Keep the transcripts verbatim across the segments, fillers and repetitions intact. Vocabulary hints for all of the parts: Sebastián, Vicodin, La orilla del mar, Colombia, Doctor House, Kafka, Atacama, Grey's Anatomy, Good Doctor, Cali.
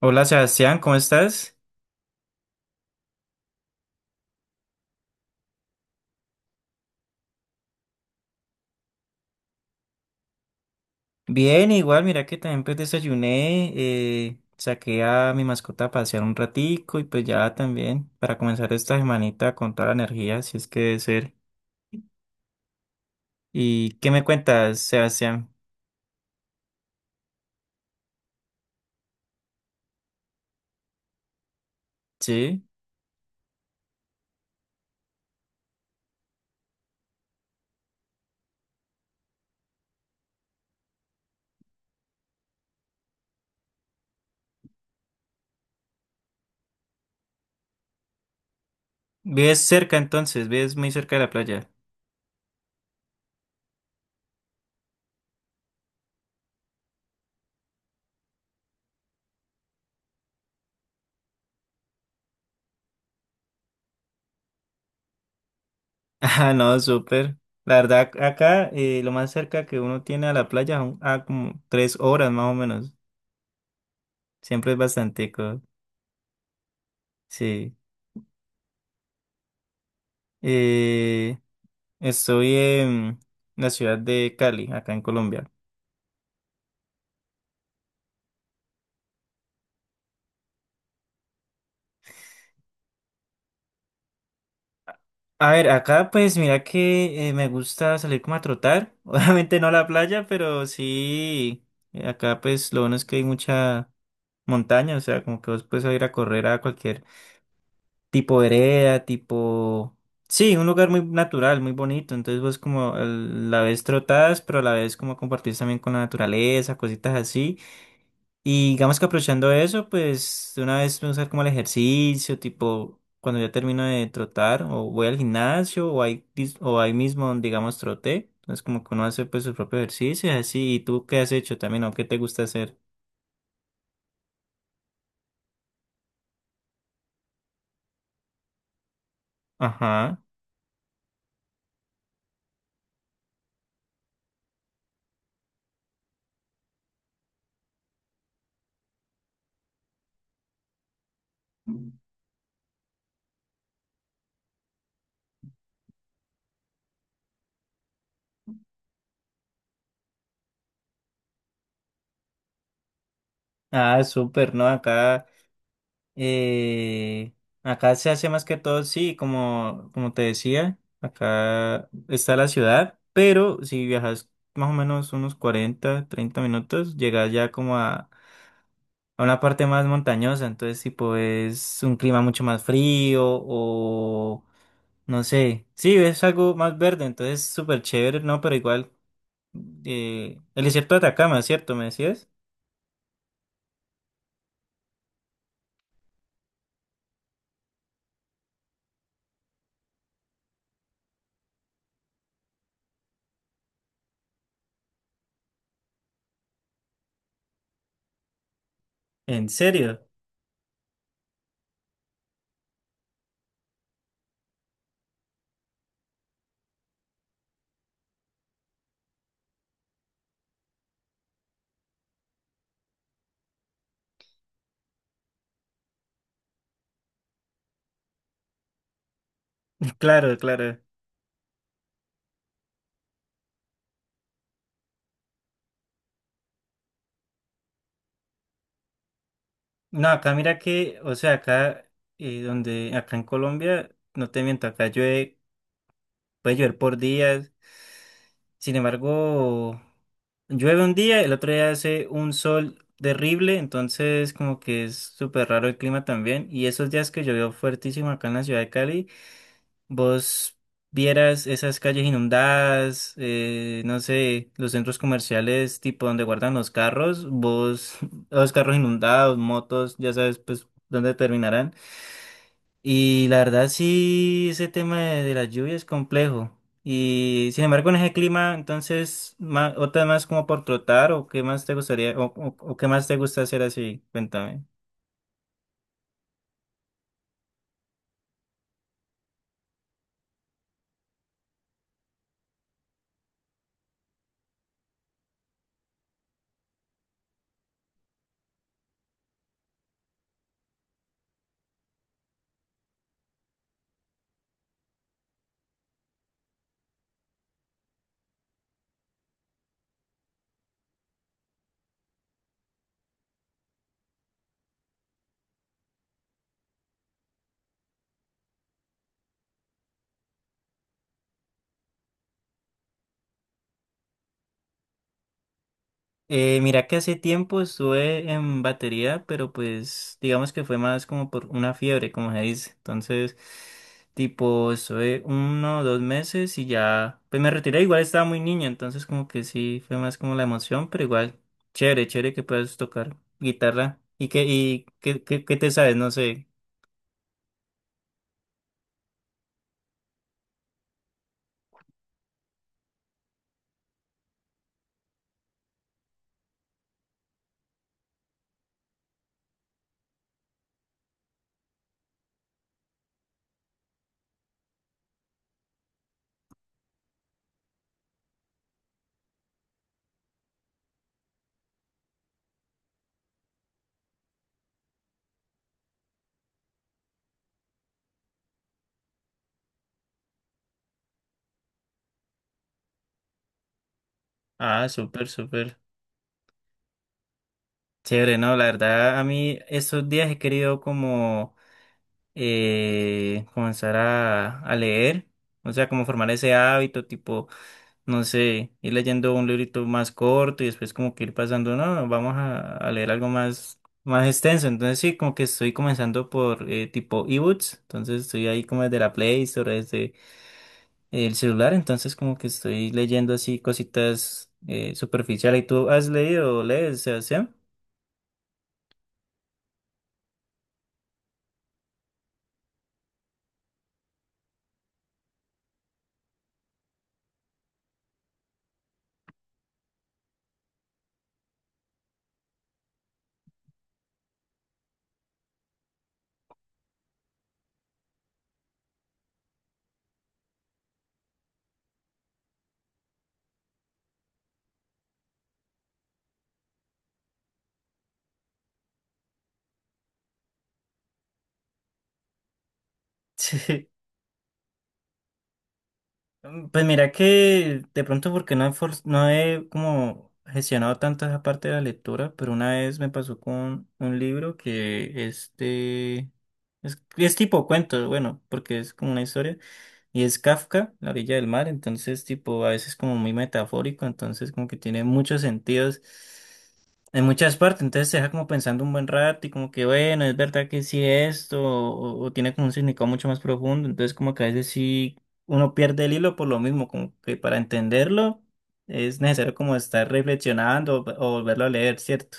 Hola Sebastián, ¿cómo estás? Bien, igual, mira que también pues desayuné, eh, saqué a mi mascota a pasear un ratico y pues ya también para comenzar esta semanita con toda la energía, si es que debe ser. ¿Y qué me cuentas, Sebastián? ¿Sí? ¿Vives cerca entonces? ¿Vives muy cerca de la playa? Ah, no, súper. La verdad, acá eh, lo más cerca que uno tiene a la playa son a como tres horas más o menos. Siempre es bastante, sí. Eh, Estoy en la ciudad de Cali, acá en Colombia. A ver, acá pues mira que eh, me gusta salir como a trotar. Obviamente no a la playa, pero sí. eh, Acá pues lo bueno es que hay mucha montaña, o sea, como que vos puedes ir a correr a cualquier tipo de vereda, tipo... Sí, un lugar muy natural, muy bonito. Entonces vos como a la vez trotás, pero a la vez como compartís también con la naturaleza, cositas así. Y digamos que aprovechando eso, pues de una vez me usar como el ejercicio, tipo cuando ya termino de trotar, o voy al gimnasio, o ahí, dis- o ahí mismo, digamos, troté. Entonces como que uno hace pues su propio ejercicio y así. ¿Y tú qué has hecho también o qué te gusta hacer? Ajá. Ah, súper, ¿no? Acá, eh, acá se hace más que todo, sí, como, como te decía, acá está la ciudad, pero si viajas más o menos unos cuarenta treinta minutos, llegas ya como a a una parte más montañosa, entonces tipo es un clima mucho más frío o no sé, sí, es algo más verde, entonces súper chévere, no, pero igual, eh, el desierto de Atacama, ¿cierto? ¿Me decías? ¿En serio? Claro, claro. No, acá mira que, o sea, acá, eh, donde, acá en Colombia, no te miento, acá llueve, puede llover por días. Sin embargo, llueve un día, el otro día hace un sol terrible, entonces como que es súper raro el clima también. Y esos días que llovió fuertísimo acá en la ciudad de Cali, vos vieras esas calles inundadas, eh, no sé, los centros comerciales tipo donde guardan los carros, vos, los carros inundados, motos, ya sabes pues dónde terminarán. Y la verdad sí, ese tema de, de las lluvias es complejo. Y sin embargo, en ese clima, entonces, ma- otra más como por trotar o qué más te gustaría o, o- o qué más te gusta hacer así, cuéntame. Eh, mira que hace tiempo estuve en batería, pero pues digamos que fue más como por una fiebre, como se dice. Entonces, tipo, estuve uno o dos meses y ya, pues me retiré. Igual estaba muy niño, entonces como que sí, fue más como la emoción, pero igual, chévere, chévere que puedas tocar guitarra. ¿Y qué, y qué, qué, qué te sabes? No sé. Ah, súper, súper. Chévere, no, la verdad, a mí estos días he querido como... eh, comenzar a, a leer, o sea, como formar ese hábito, tipo, no sé, ir leyendo un librito más corto y después como que ir pasando, no, vamos a, a leer algo más, más extenso, entonces sí, como que estoy comenzando por eh, tipo ebooks, entonces estoy ahí como desde la Play Store, desde el celular, entonces como que estoy leyendo así cositas eh, superficiales. ¿Y tú has leído o lees, Sebastián? Mm, pues mira que de pronto porque no he, for- no he como gestionado tanto esa parte de la lectura, pero una vez me pasó con un libro que este es, es tipo cuento, bueno, porque es como una historia, y es Kafka, La orilla del mar, entonces tipo a veces como muy metafórico, entonces como que tiene muchos sentidos en muchas partes, entonces te deja como pensando un buen rato y como que bueno, es verdad que sí esto, o, o tiene como un significado mucho más profundo, entonces como que a veces sí uno pierde el hilo por lo mismo, como que para entenderlo es necesario como estar reflexionando o volverlo a leer, ¿cierto?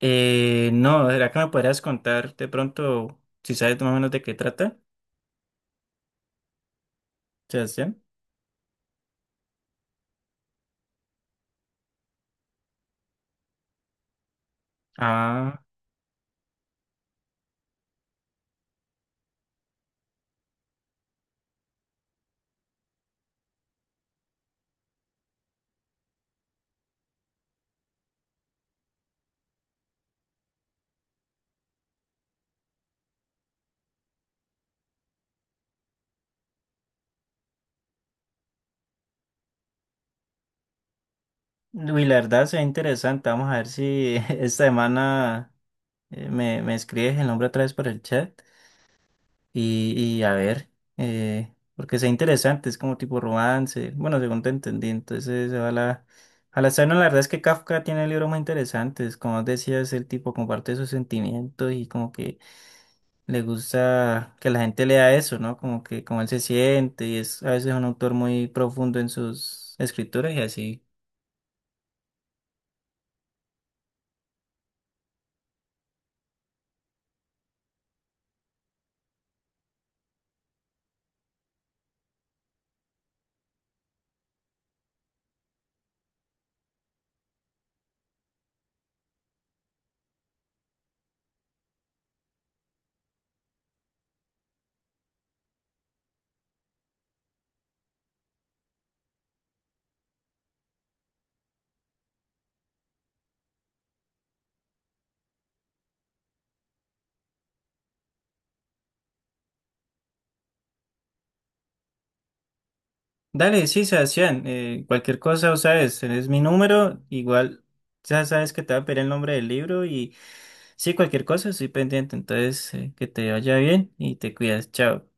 Eh, no, ¿será que me podrías contar de pronto si sabes más o menos de qué trata, Sebastián? Ah, uy, la verdad se ve interesante. Vamos a ver si esta semana eh, me, me escribes el nombre otra vez por el chat. Y, y a ver, eh, porque sea interesante, es como tipo romance, bueno, según te entendí, entonces a la, a la escena la verdad es que Kafka tiene libros muy interesantes, como decías, el tipo comparte sus sentimientos y como que le gusta que la gente lea eso, ¿no? Como que como él se siente y es a veces un autor muy profundo en sus escrituras y así. Dale, sí, Sebastián, eh, cualquier cosa, o sabes, tenés mi número, igual ya sabes que te va a pedir el nombre del libro y sí, cualquier cosa, estoy pendiente, entonces eh, que te vaya bien y te cuidas, chao.